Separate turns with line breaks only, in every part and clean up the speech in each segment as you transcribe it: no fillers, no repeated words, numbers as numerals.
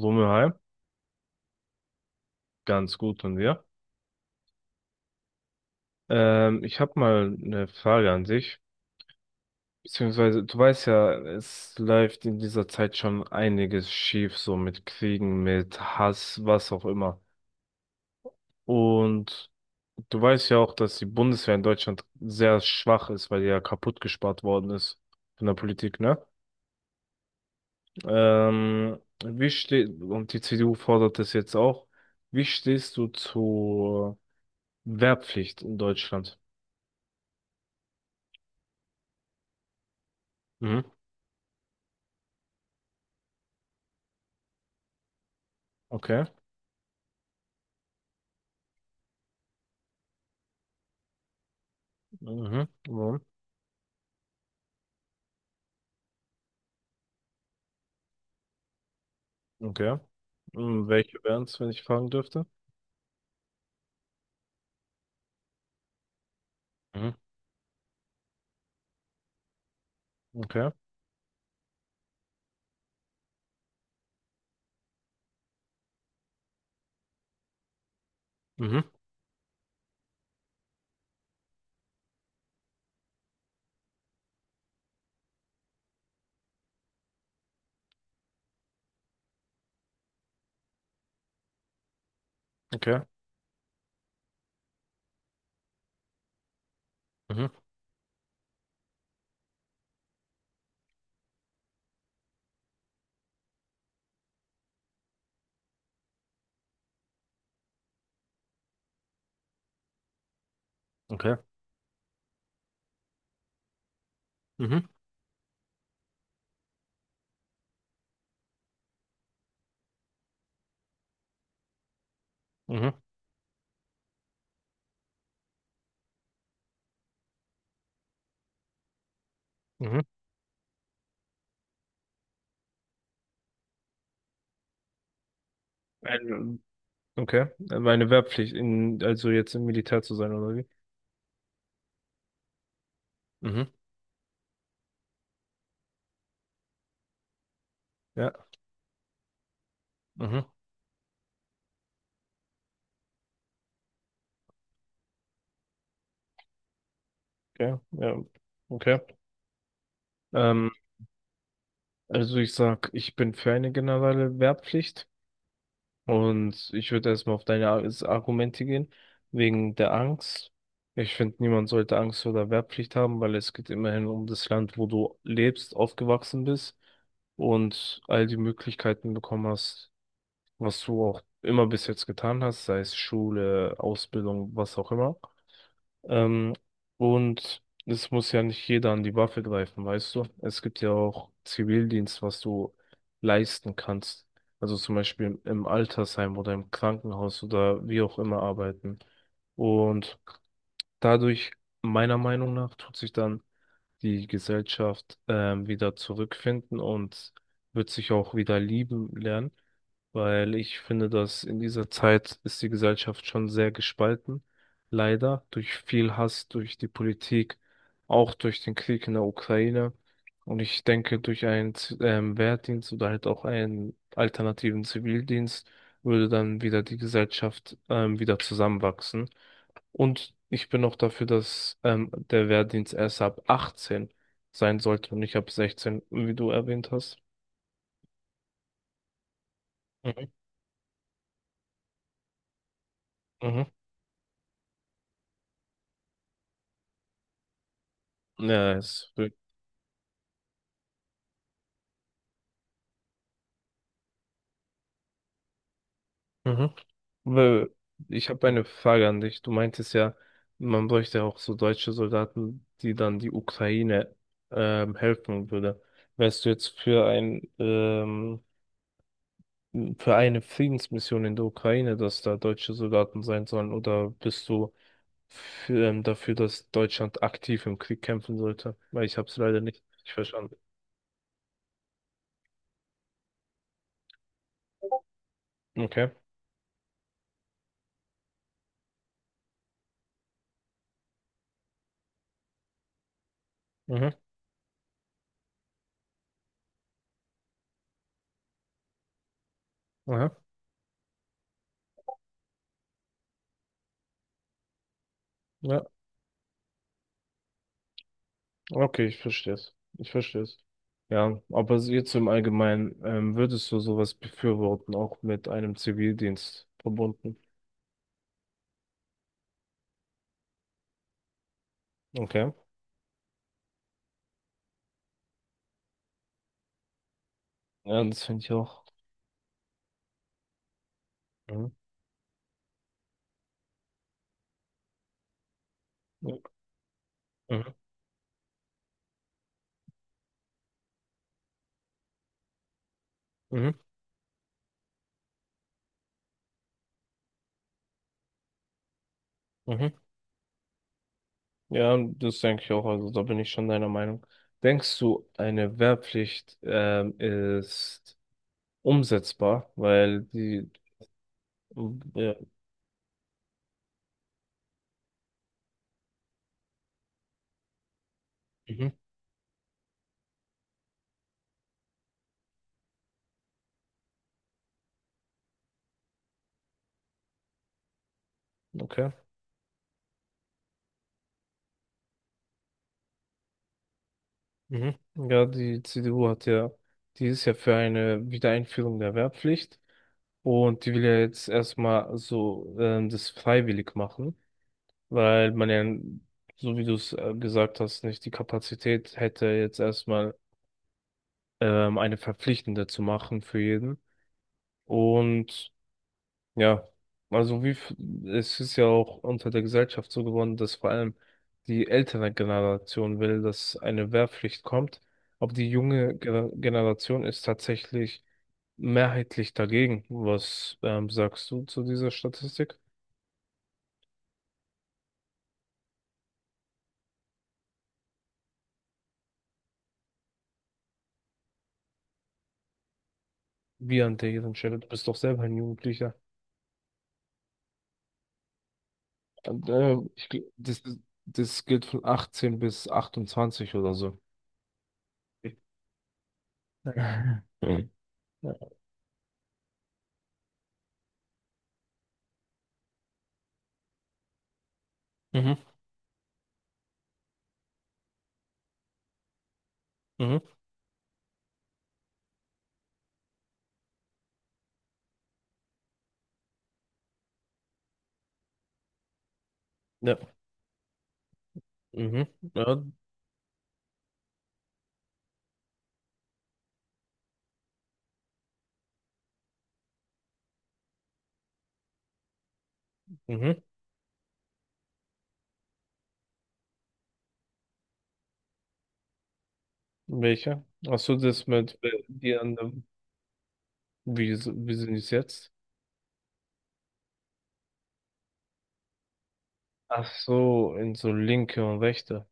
Wumme, ganz gut und wir. Ich habe mal eine Frage an dich. Beziehungsweise, du weißt ja, es läuft in dieser Zeit schon einiges schief, so mit Kriegen, mit Hass, was auch immer. Und du weißt ja auch, dass die Bundeswehr in Deutschland sehr schwach ist, weil die ja kaputt gespart worden ist von der Politik, ne? Und die CDU fordert das jetzt auch. Wie stehst du zur Wehrpflicht in Deutschland? Mhm. Okay. Mhm. Mhm. Okay. Mhm. Welche wären es, wenn ich fragen dürfte? Mhm. Okay. Mhm. Okay. Mhm. Okay. Mhm. Mhm. Mhm. Ein, okay. Meine Wehrpflicht, also jetzt im Militär zu sein, oder wie? Mhm. Ja. Mhm. Okay. Ja. Okay. Ähm, also ich sag, ich bin für eine generelle Wehrpflicht. Und ich würde erstmal auf deine Argumente gehen, wegen der Angst. Ich finde, niemand sollte Angst vor der Wehrpflicht haben, weil es geht immerhin um das Land, wo du lebst, aufgewachsen bist und all die Möglichkeiten bekommen hast, was du auch immer bis jetzt getan hast, sei es Schule, Ausbildung, was auch immer. Ähm, und es muss ja nicht jeder an die Waffe greifen, weißt du? Es gibt ja auch Zivildienst, was du leisten kannst. Also zum Beispiel im Altersheim oder im Krankenhaus oder wie auch immer arbeiten. Und dadurch, meiner Meinung nach, tut sich dann die Gesellschaft wieder zurückfinden und wird sich auch wieder lieben lernen, weil ich finde, dass in dieser Zeit ist die Gesellschaft schon sehr gespalten, leider durch viel Hass, durch die Politik, auch durch den Krieg in der Ukraine. Und ich denke, durch einen Wehrdienst oder halt auch einen alternativen Zivildienst würde dann wieder die Gesellschaft wieder zusammenwachsen. Und ich bin auch dafür, dass der Wehrdienst erst ab 18 sein sollte und nicht ab 16, wie du erwähnt hast. Mhm. Mhm. Ja, es wird. Mhm. Weil Ich habe eine Frage an dich. Du meintest ja, man bräuchte ja auch so deutsche Soldaten, die dann die Ukraine helfen würde. Wärst du jetzt für eine Friedensmission in der Ukraine, dass da deutsche Soldaten sein sollen, oder bist du dafür, dass Deutschland aktiv im Krieg kämpfen sollte. Weil ich habe es leider nicht richtig verstanden. Okay. Mhm. Aha. Ja. Okay, ich verstehe es. Ich verstehe es. Ja, aber so jetzt im Allgemeinen, würdest du sowas befürworten, auch mit einem Zivildienst verbunden? Okay. Ja, das finde ich auch. Mhm. Mhm. Mhm. Mhm. Ja, das denke ich auch. Also da bin ich schon deiner Meinung. Denkst du, eine Wehrpflicht ist umsetzbar? Weil die Ja. Mhm. Okay. Mhm. Ja, die CDU hat ja, die ist ja für eine Wiedereinführung der Wehrpflicht und die will ja jetzt erstmal so das freiwillig machen, weil man ja, so wie du es gesagt hast, nicht die Kapazität hätte, jetzt erstmal eine verpflichtende zu machen für jeden. Und Ja, also es ist ja auch unter der Gesellschaft so geworden, dass vor allem die ältere Generation will, dass eine Wehrpflicht kommt, aber die junge Generation ist tatsächlich mehrheitlich dagegen. Was sagst du zu dieser Statistik? Wie an deren Stelle? Du bist doch selber ein Jugendlicher. Und, äh, ich, gl- das, Das gilt von 18 bis 28 oder so. Mhm. Mhm. Mhm. Ja. Mhm. Ja. Mhm. Welcher? Ach so, das mit die anderen. Wie sind es jetzt? Ach so, in so linke und rechte.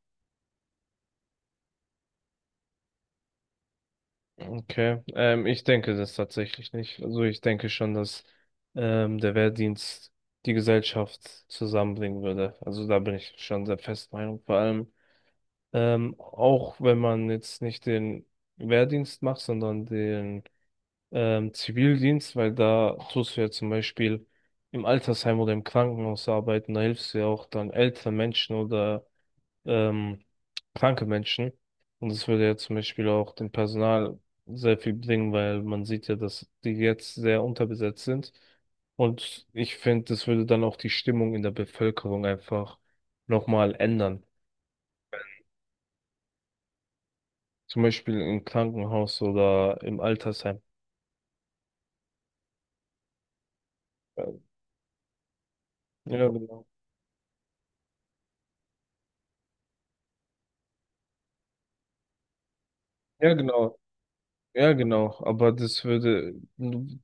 Okay. Ich denke das tatsächlich nicht. Also ich denke schon, dass der Wehrdienst die Gesellschaft zusammenbringen würde. Also da bin ich schon sehr fest Meinung. Vor allem auch wenn man jetzt nicht den Wehrdienst macht, sondern den Zivildienst, weil da tust du ja zum Beispiel im Altersheim oder im Krankenhaus arbeiten, da hilfst du ja auch dann älteren Menschen oder ähm, kranke Menschen. Und das würde ja zum Beispiel auch dem Personal sehr viel bringen, weil man sieht ja, dass die jetzt sehr unterbesetzt sind. Und ich finde, das würde dann auch die Stimmung in der Bevölkerung einfach nochmal ändern. Zum Beispiel im Krankenhaus oder im Altersheim. Ja, genau. Ja, genau. Ja, genau, aber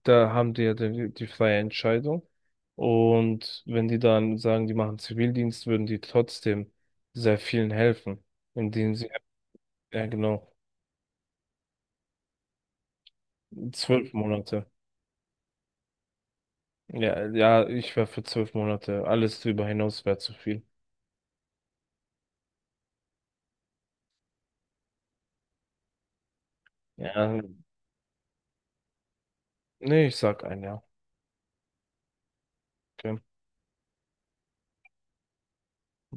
da haben die ja die freie Entscheidung. Und wenn die dann sagen, die machen Zivildienst, würden die trotzdem sehr vielen helfen, indem sie, ja, genau, 12 Monate. Ja, ja, ich wäre für 12 Monate. Alles drüber hinaus wäre zu viel. Ja, nee, ich sag ein Jahr. Okay,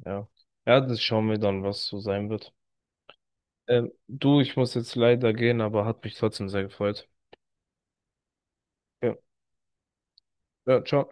ja. Ja, das schauen wir dann, was so sein wird. Du, ich muss jetzt leider gehen, aber hat mich trotzdem sehr gefreut. Ja, ja, ciao.